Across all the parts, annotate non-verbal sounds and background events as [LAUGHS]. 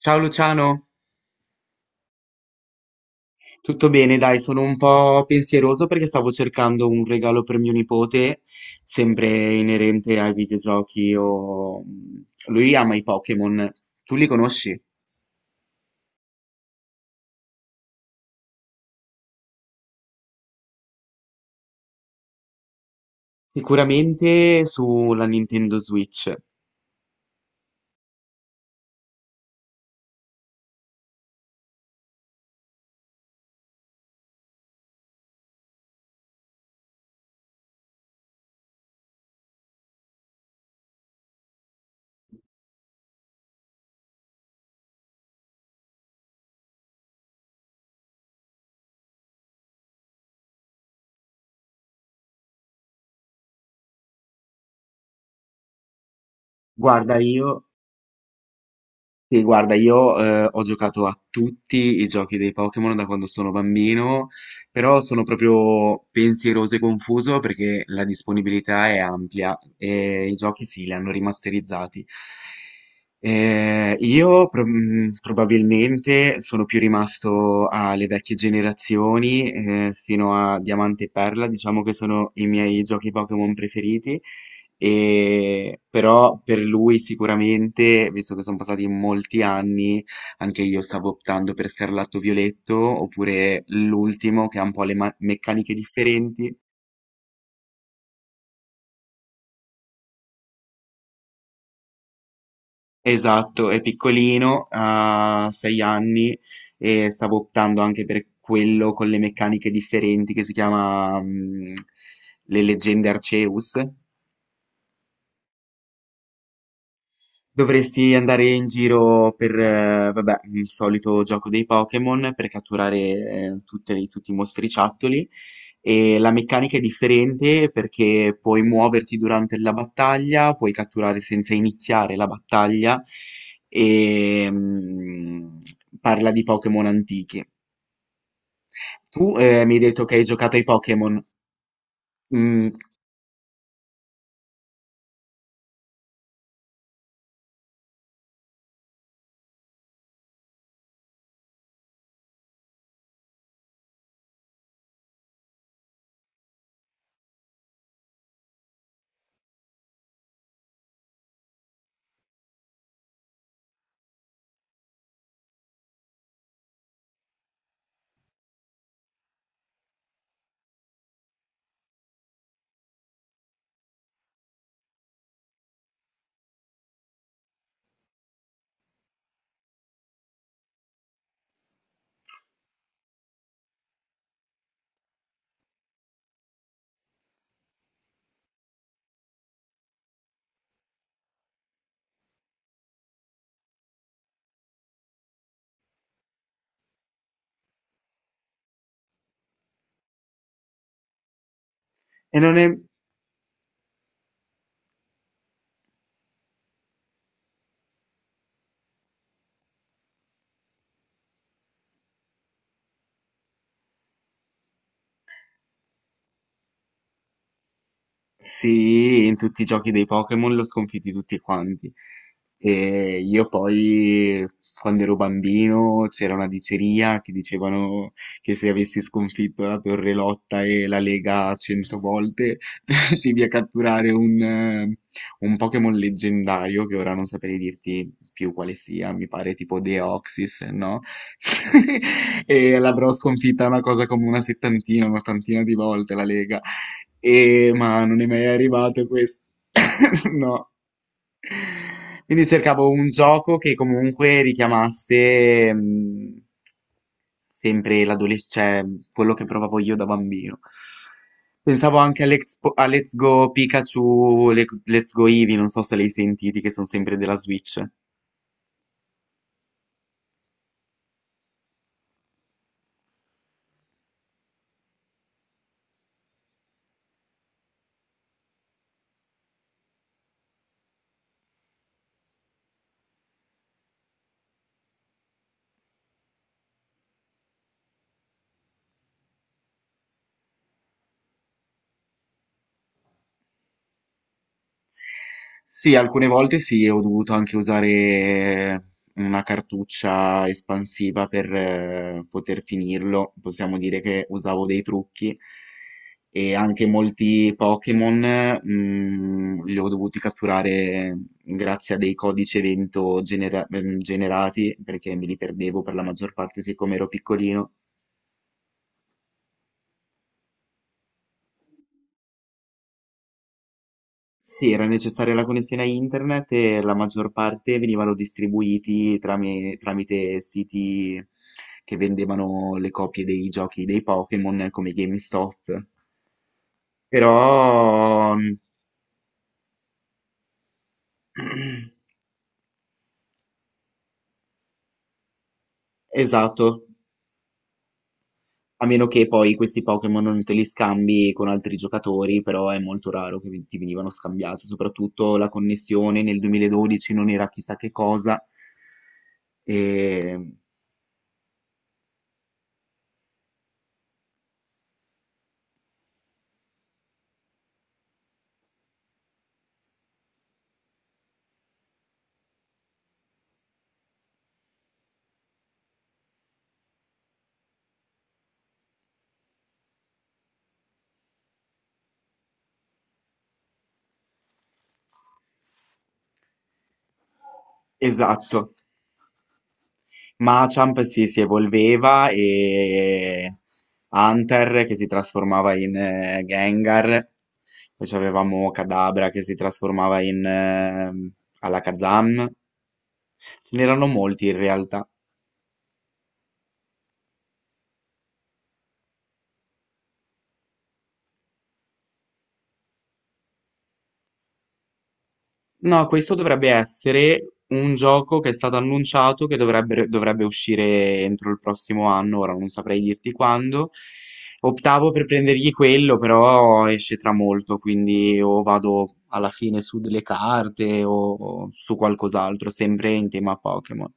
Ciao Luciano, tutto bene? Dai, sono un po' pensieroso perché stavo cercando un regalo per mio nipote, sempre inerente ai videogiochi lui ama i Pokémon, tu li conosci? Sicuramente sulla Nintendo Switch. Guarda, io Sì, guarda, io ho giocato a tutti i giochi dei Pokémon da quando sono bambino, però sono proprio pensieroso e confuso perché la disponibilità è ampia e i giochi sì, li hanno rimasterizzati. Io probabilmente sono più rimasto alle vecchie generazioni, fino a Diamante e Perla, diciamo che sono i miei giochi Pokémon preferiti. E, però per lui sicuramente, visto che sono passati molti anni, anche io stavo optando per Scarlatto Violetto, oppure l'ultimo che ha un po' le meccaniche differenti. Esatto, è piccolino, ha sei anni e stavo optando anche per quello con le meccaniche differenti che si chiama Le leggende Arceus. Dovresti andare in giro per, vabbè, il solito gioco dei Pokémon per catturare tutte tutti i mostriciattoli. E la meccanica è differente perché puoi muoverti durante la battaglia, puoi catturare senza iniziare la battaglia e parla di Pokémon antichi. Tu mi hai detto che hai giocato ai Pokémon. Mm, e non è, Sì, in tutti i giochi dei Pokémon l'ho sconfitti tutti quanti. E io poi, quando ero bambino, c'era una diceria che dicevano che se avessi sconfitto la Torre Lotta e la Lega cento volte, [LAUGHS] riuscivi a catturare un Pokémon leggendario, che ora non saprei dirti più quale sia, mi pare tipo Deoxys, no? [LAUGHS] E l'avrò sconfitta una cosa come una settantina, un'ottantina di volte la Lega. E ma non è mai arrivato questo. [LAUGHS] No. Quindi cercavo un gioco che comunque richiamasse sempre l'adolescente, cioè quello che provavo io da bambino. Pensavo anche a Let's Go Pikachu, Let's Go Eevee, non so se li hai sentiti, che sono sempre della Switch. Sì, alcune volte sì, ho dovuto anche usare una cartuccia espansiva per poter finirlo. Possiamo dire che usavo dei trucchi e anche molti Pokémon li ho dovuti catturare grazie a dei codici evento generati perché me li perdevo per la maggior parte siccome ero piccolino. Sì, era necessaria la connessione a internet e la maggior parte venivano distribuiti tramite siti che vendevano le copie dei giochi dei Pokémon come GameStop. Però, mm, [CLEARS THROAT] esatto, a meno che poi questi Pokémon non te li scambi con altri giocatori, però è molto raro che ti venivano scambiati, soprattutto la connessione nel 2012 non era chissà che cosa. E... Esatto. Machamp si evolveva e Hunter che si trasformava in Gengar, poi avevamo Kadabra che si trasformava in Alakazam, ce n'erano molti in realtà. No, questo dovrebbe essere un gioco che è stato annunciato che dovrebbe uscire entro il prossimo anno, ora non saprei dirti quando. Optavo per prendergli quello, però esce tra molto, quindi o vado alla fine su delle carte o su qualcos'altro, sempre in tema Pokémon.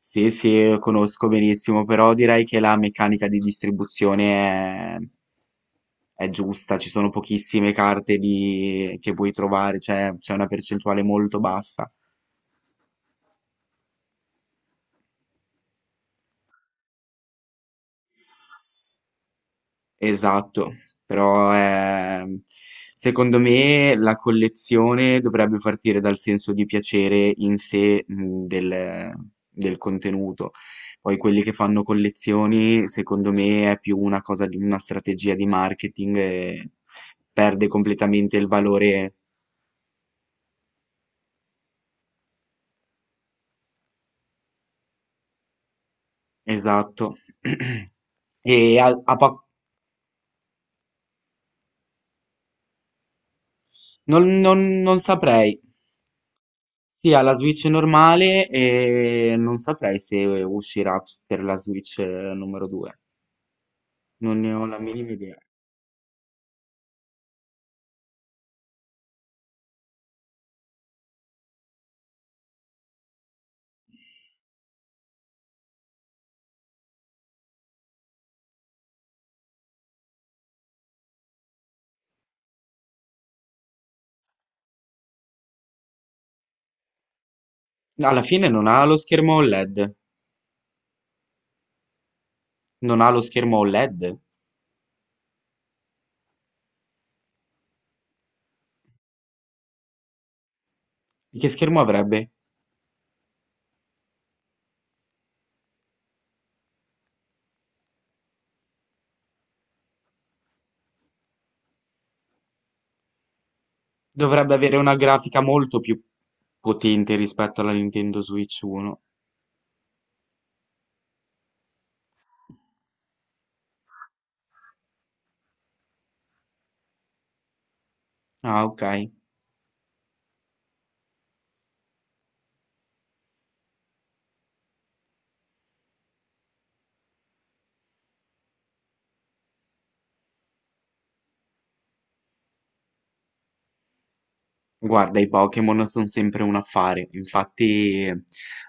Sì, sì, conosco benissimo, però direi che la meccanica di distribuzione è giusta, ci sono pochissime carte che puoi trovare, cioè c'è una percentuale molto bassa. Esatto, però secondo me la collezione dovrebbe partire dal senso di piacere in sé del, del contenuto. Poi quelli che fanno collezioni, secondo me, è più una cosa di una strategia di marketing e perde completamente il valore esatto. [CLEARS THROAT] E a, a pa- non non- Non saprei. Sì, ha la Switch normale e non saprei se uscirà per la Switch numero 2. Non ne ho la minima idea. Alla fine non ha lo schermo OLED. Non ha lo schermo OLED. Che schermo avrebbe? Dovrebbe avere una grafica molto più potente rispetto alla Nintendo Switch 1. Ah, ok. Guarda, i Pokémon sono sempre un affare, infatti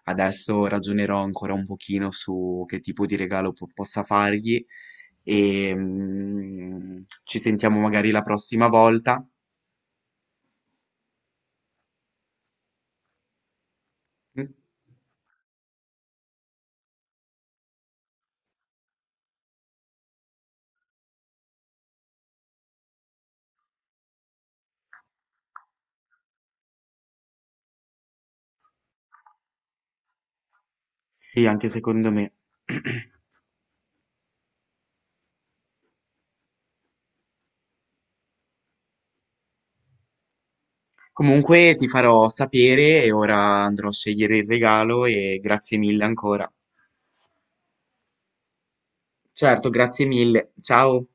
adesso ragionerò ancora un pochino su che tipo di regalo possa fargli e ci sentiamo magari la prossima volta. Mm? Sì, anche secondo me. [CLEARS THROAT] Comunque ti farò sapere e ora andrò a scegliere il regalo e grazie mille ancora. Certo, grazie mille. Ciao.